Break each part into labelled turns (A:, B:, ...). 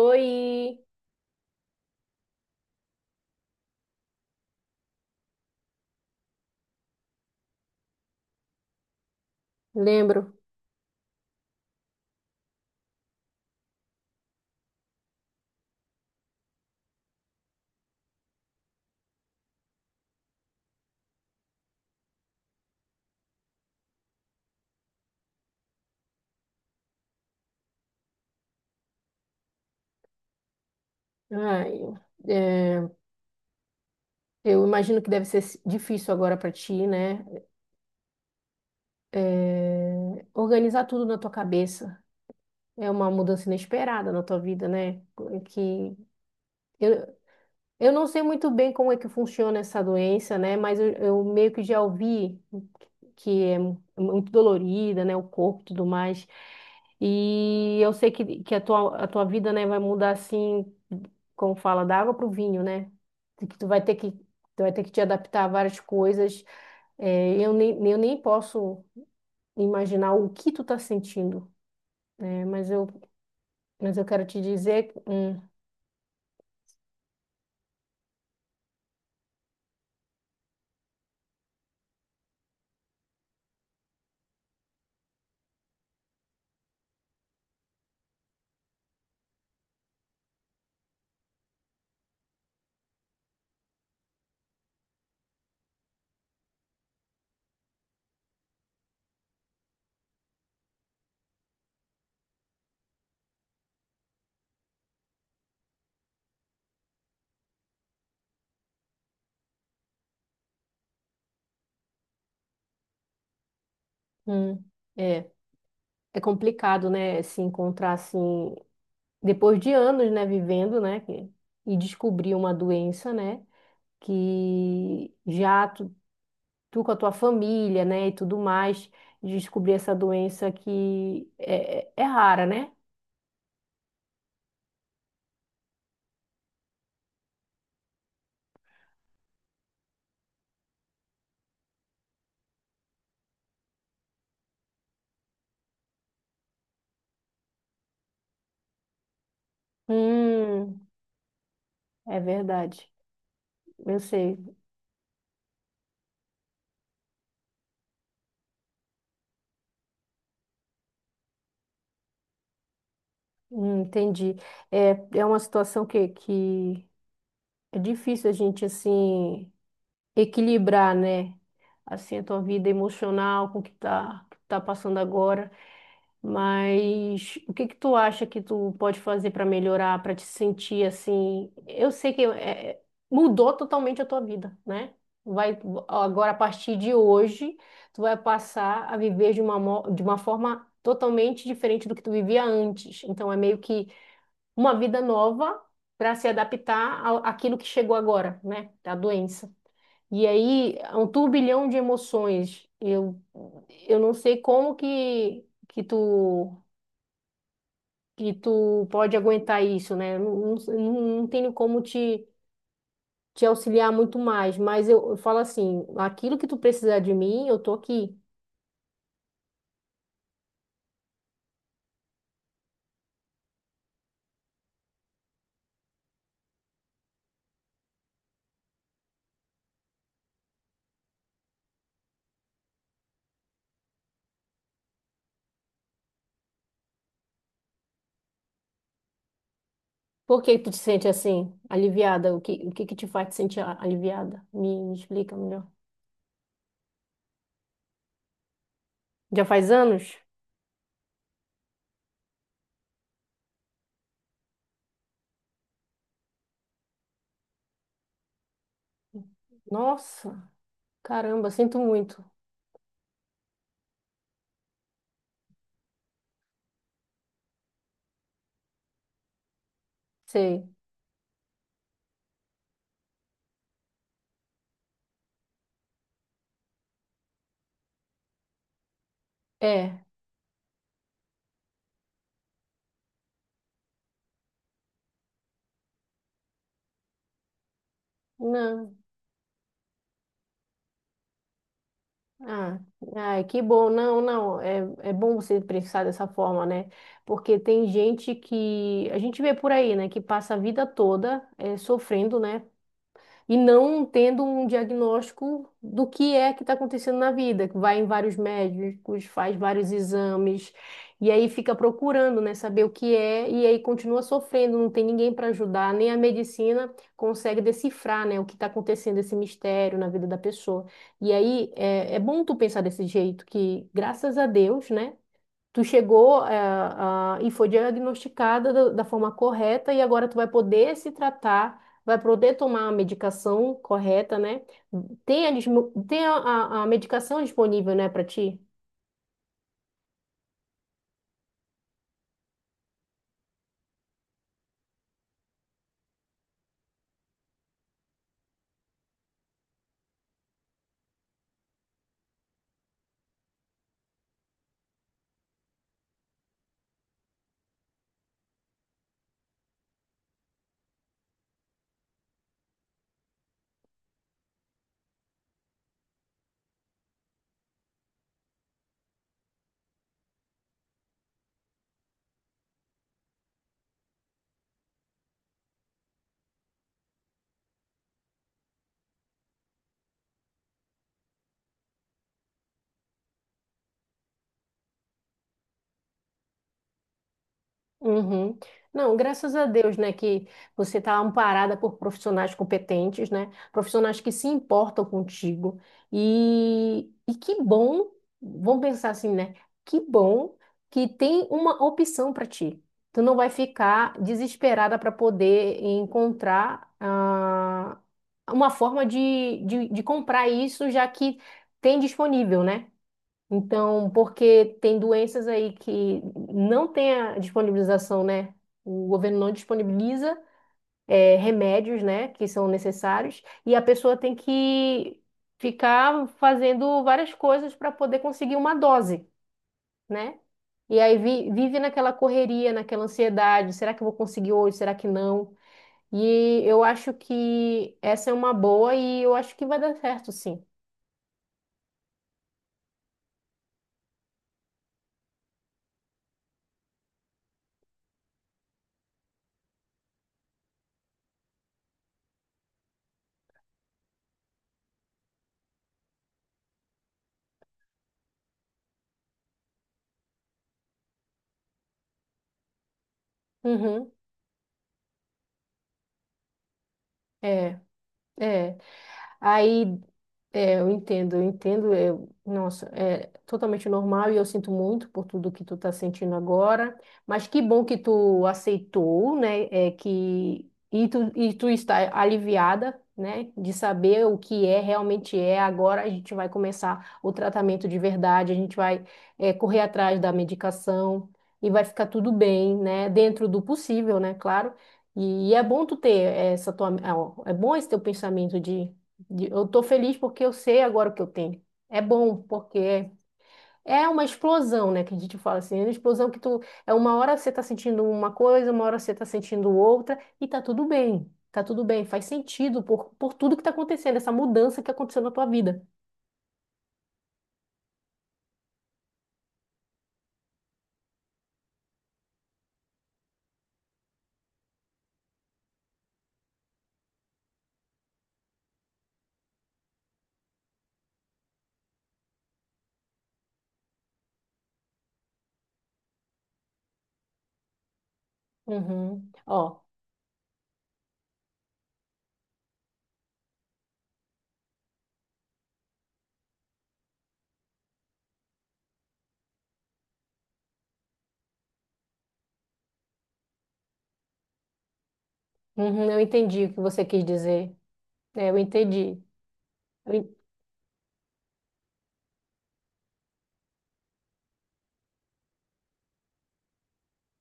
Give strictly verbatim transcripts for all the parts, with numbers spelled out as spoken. A: Oi, lembro. Ai, é, eu imagino que deve ser si, difícil agora para ti, né? É, organizar tudo na tua cabeça. É uma mudança inesperada na tua vida, né? Que eu, eu não sei muito bem como é que funciona essa doença, né? Mas eu, eu meio que já ouvi. Que é mu- muito dolorida, né? O corpo e tudo mais. E eu sei que, que a tua, a tua vida, né, vai mudar assim, como fala, da água para o vinho, né? De Que tu vai ter que, tu vai ter que te adaptar a várias coisas. É, eu nem, eu nem posso imaginar o que tu tá sentindo, né? Mas eu, mas eu quero te dizer, hum, hum, é, é complicado, né, se encontrar assim, depois de anos, né, vivendo, né, que- e descobrir uma doença, né? Que já tu, tu com a tua família, né, e tudo mais, descobrir essa doença que é, é é rara, né? Hum, é verdade. Eu sei. Hum, entendi. É, é uma situação que, que é difícil a gente, assim, equilibrar, né? Assim, a tua vida emocional com o que tá, que tá passando agora. Mas o que que tu acha que tu pode fazer para melhorar, para te sentir assim? Eu sei que é, é, mudou totalmente a tua vida, né? Vai agora a partir de hoje, tu vai passar a viver de uma, mo- de uma forma totalmente diferente do que tu vivia antes. Então é meio que uma vida nova para se adaptar ao- àquilo que chegou agora, né? Da doença. E aí, é um turbilhão de emoções. Eu, eu não sei como que que tu que tu pode aguentar isso, né? Eu não, não, não tenho como te, te auxiliar muito mais, mas eu, eu falo assim, aquilo que tu precisar de mim, eu tô aqui. Por que tu te sente assim, aliviada? O que, o que que te faz te sentir a- aliviada? Me, me explica melhor. Já faz anos? Nossa, caramba, sinto muito. Sei. É, não. Ah, ai, que bom. Não, não, é, é bom você pensar dessa forma, né? Porque tem gente que a gente vê por aí, né, que passa a vida toda eh, sofrendo, né, e não tendo um diagnóstico do que é que está acontecendo na vida, que vai em vários médicos, faz vários exames, e aí fica procurando, né, saber o que é, e aí continua sofrendo, não tem ninguém para ajudar, nem a medicina consegue decifrar, né, o que está acontecendo, esse mistério na vida da pessoa. E aí é, é bom tu pensar desse jeito, que graças a Deus, né? Tu chegou, eh, ah, e foi diagnosticada da, da forma correta e agora tu vai poder se tratar, vai poder tomar a medicação correta, né? Tem a, dismo- tem a, a- a medicação disponível, né, para ti? Uhum. Não, graças a Deus, né, que você está amparada por profissionais competentes, né, profissionais que se importam contigo. E, e que bom, vamos pensar assim, né, que bom que tem uma opção para ti. Tu não vai ficar desesperada para poder encontrar ah, uma forma de, de, de comprar isso, já que tem disponível, né? Então, porque tem doenças aí que não tem a disponibilização, né? O governo não disponibiliza eh, remédios, né, que são necessários, e a pessoa tem que ficar fazendo várias coisas para poder conseguir uma dose, né? E aí vi- vive naquela correria, naquela ansiedade, será que eu vou conseguir hoje, será que não? E eu acho que essa é uma boa e eu acho que vai dar certo, sim. Uhum, é, é. Aí é, eu entendo, eu entendo. É, nossa, é totalmente normal e eu sinto muito por tudo que tu tá sentindo agora. Mas que bom que tu aceitou, né? É que e tu, e tu está aliviada, né? De saber o que é realmente é. Agora a gente vai começar o tratamento de verdade. A gente vai é, correr atrás da medicação e vai ficar tudo bem, né? Dentro do possível, né? Claro. E, é bom tu ter essa tua, é bom esse teu pensamento de de- eu tô feliz porque eu sei agora o que eu tenho. É bom, porque é uma explosão, né? Que a gente fala assim, é uma explosão que tu... É uma hora você tá sentindo uma coisa, uma hora você tá sentindo outra, e tá tudo bem. Tá tudo bem, faz sentido por, por tudo que tá acontecendo, essa mudança que aconteceu na tua vida. Uhum. Ó, uhum, eu entendi o que você quis dizer. É, eu entendi. Eu en-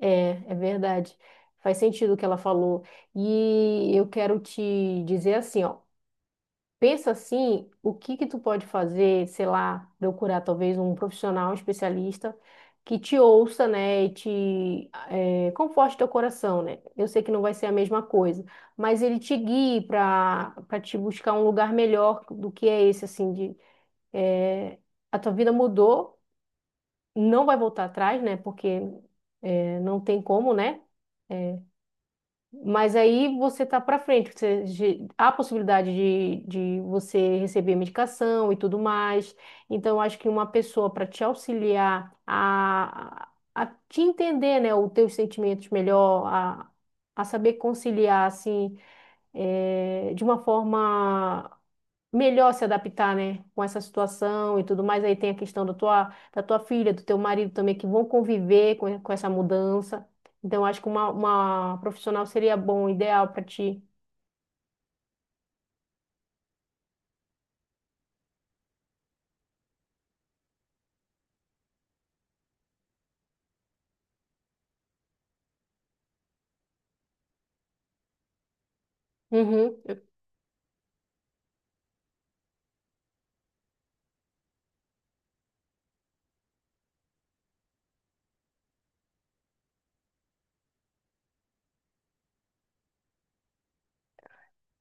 A: é, é verdade. Faz sentido o que ela falou. E eu quero te dizer assim, ó. Pensa assim, o que que tu pode fazer, sei lá, procurar talvez um profissional, um especialista que te ouça, né, e te eh, conforte teu coração, né? Eu sei que não vai ser a mesma coisa, mas ele te guie para para te buscar um lugar melhor do que é esse, assim, de eh, a tua vida mudou, não vai voltar atrás, né? Porque eh, não tem como, né? Mas aí você tá para frente, você, ge- há possibilidade de, de você receber medicação e tudo mais. Então, eu acho que uma pessoa para te auxiliar a, a te entender, né, os teus sentimentos melhor, a, a saber conciliar, assim, eh, de uma forma melhor se adaptar, né, com essa situação e tudo mais. Aí tem a questão da tua, da tua filha, do teu marido também, que vão conviver com, com essa mudança. Então, acho que uma, uma profissional seria bom, ideal para ti. Uhum.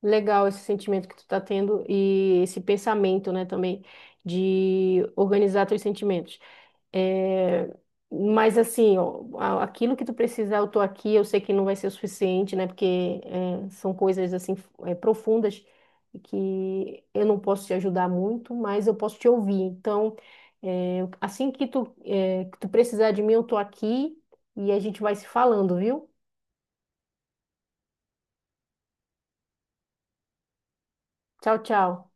A: Legal esse sentimento que tu tá tendo e esse pensamento, né, também de organizar teus sentimentos. É, mas assim, ó, a- aquilo que tu precisar, eu tô aqui, eu sei que não vai ser o suficiente, né? Porque é, são coisas assim é, profundas que eu não posso te ajudar muito, mas eu posso te ouvir. Então, é, assim que tu, é, que tu precisar de mim, eu tô aqui e a gente vai se falando, viu? Tchau, tchau.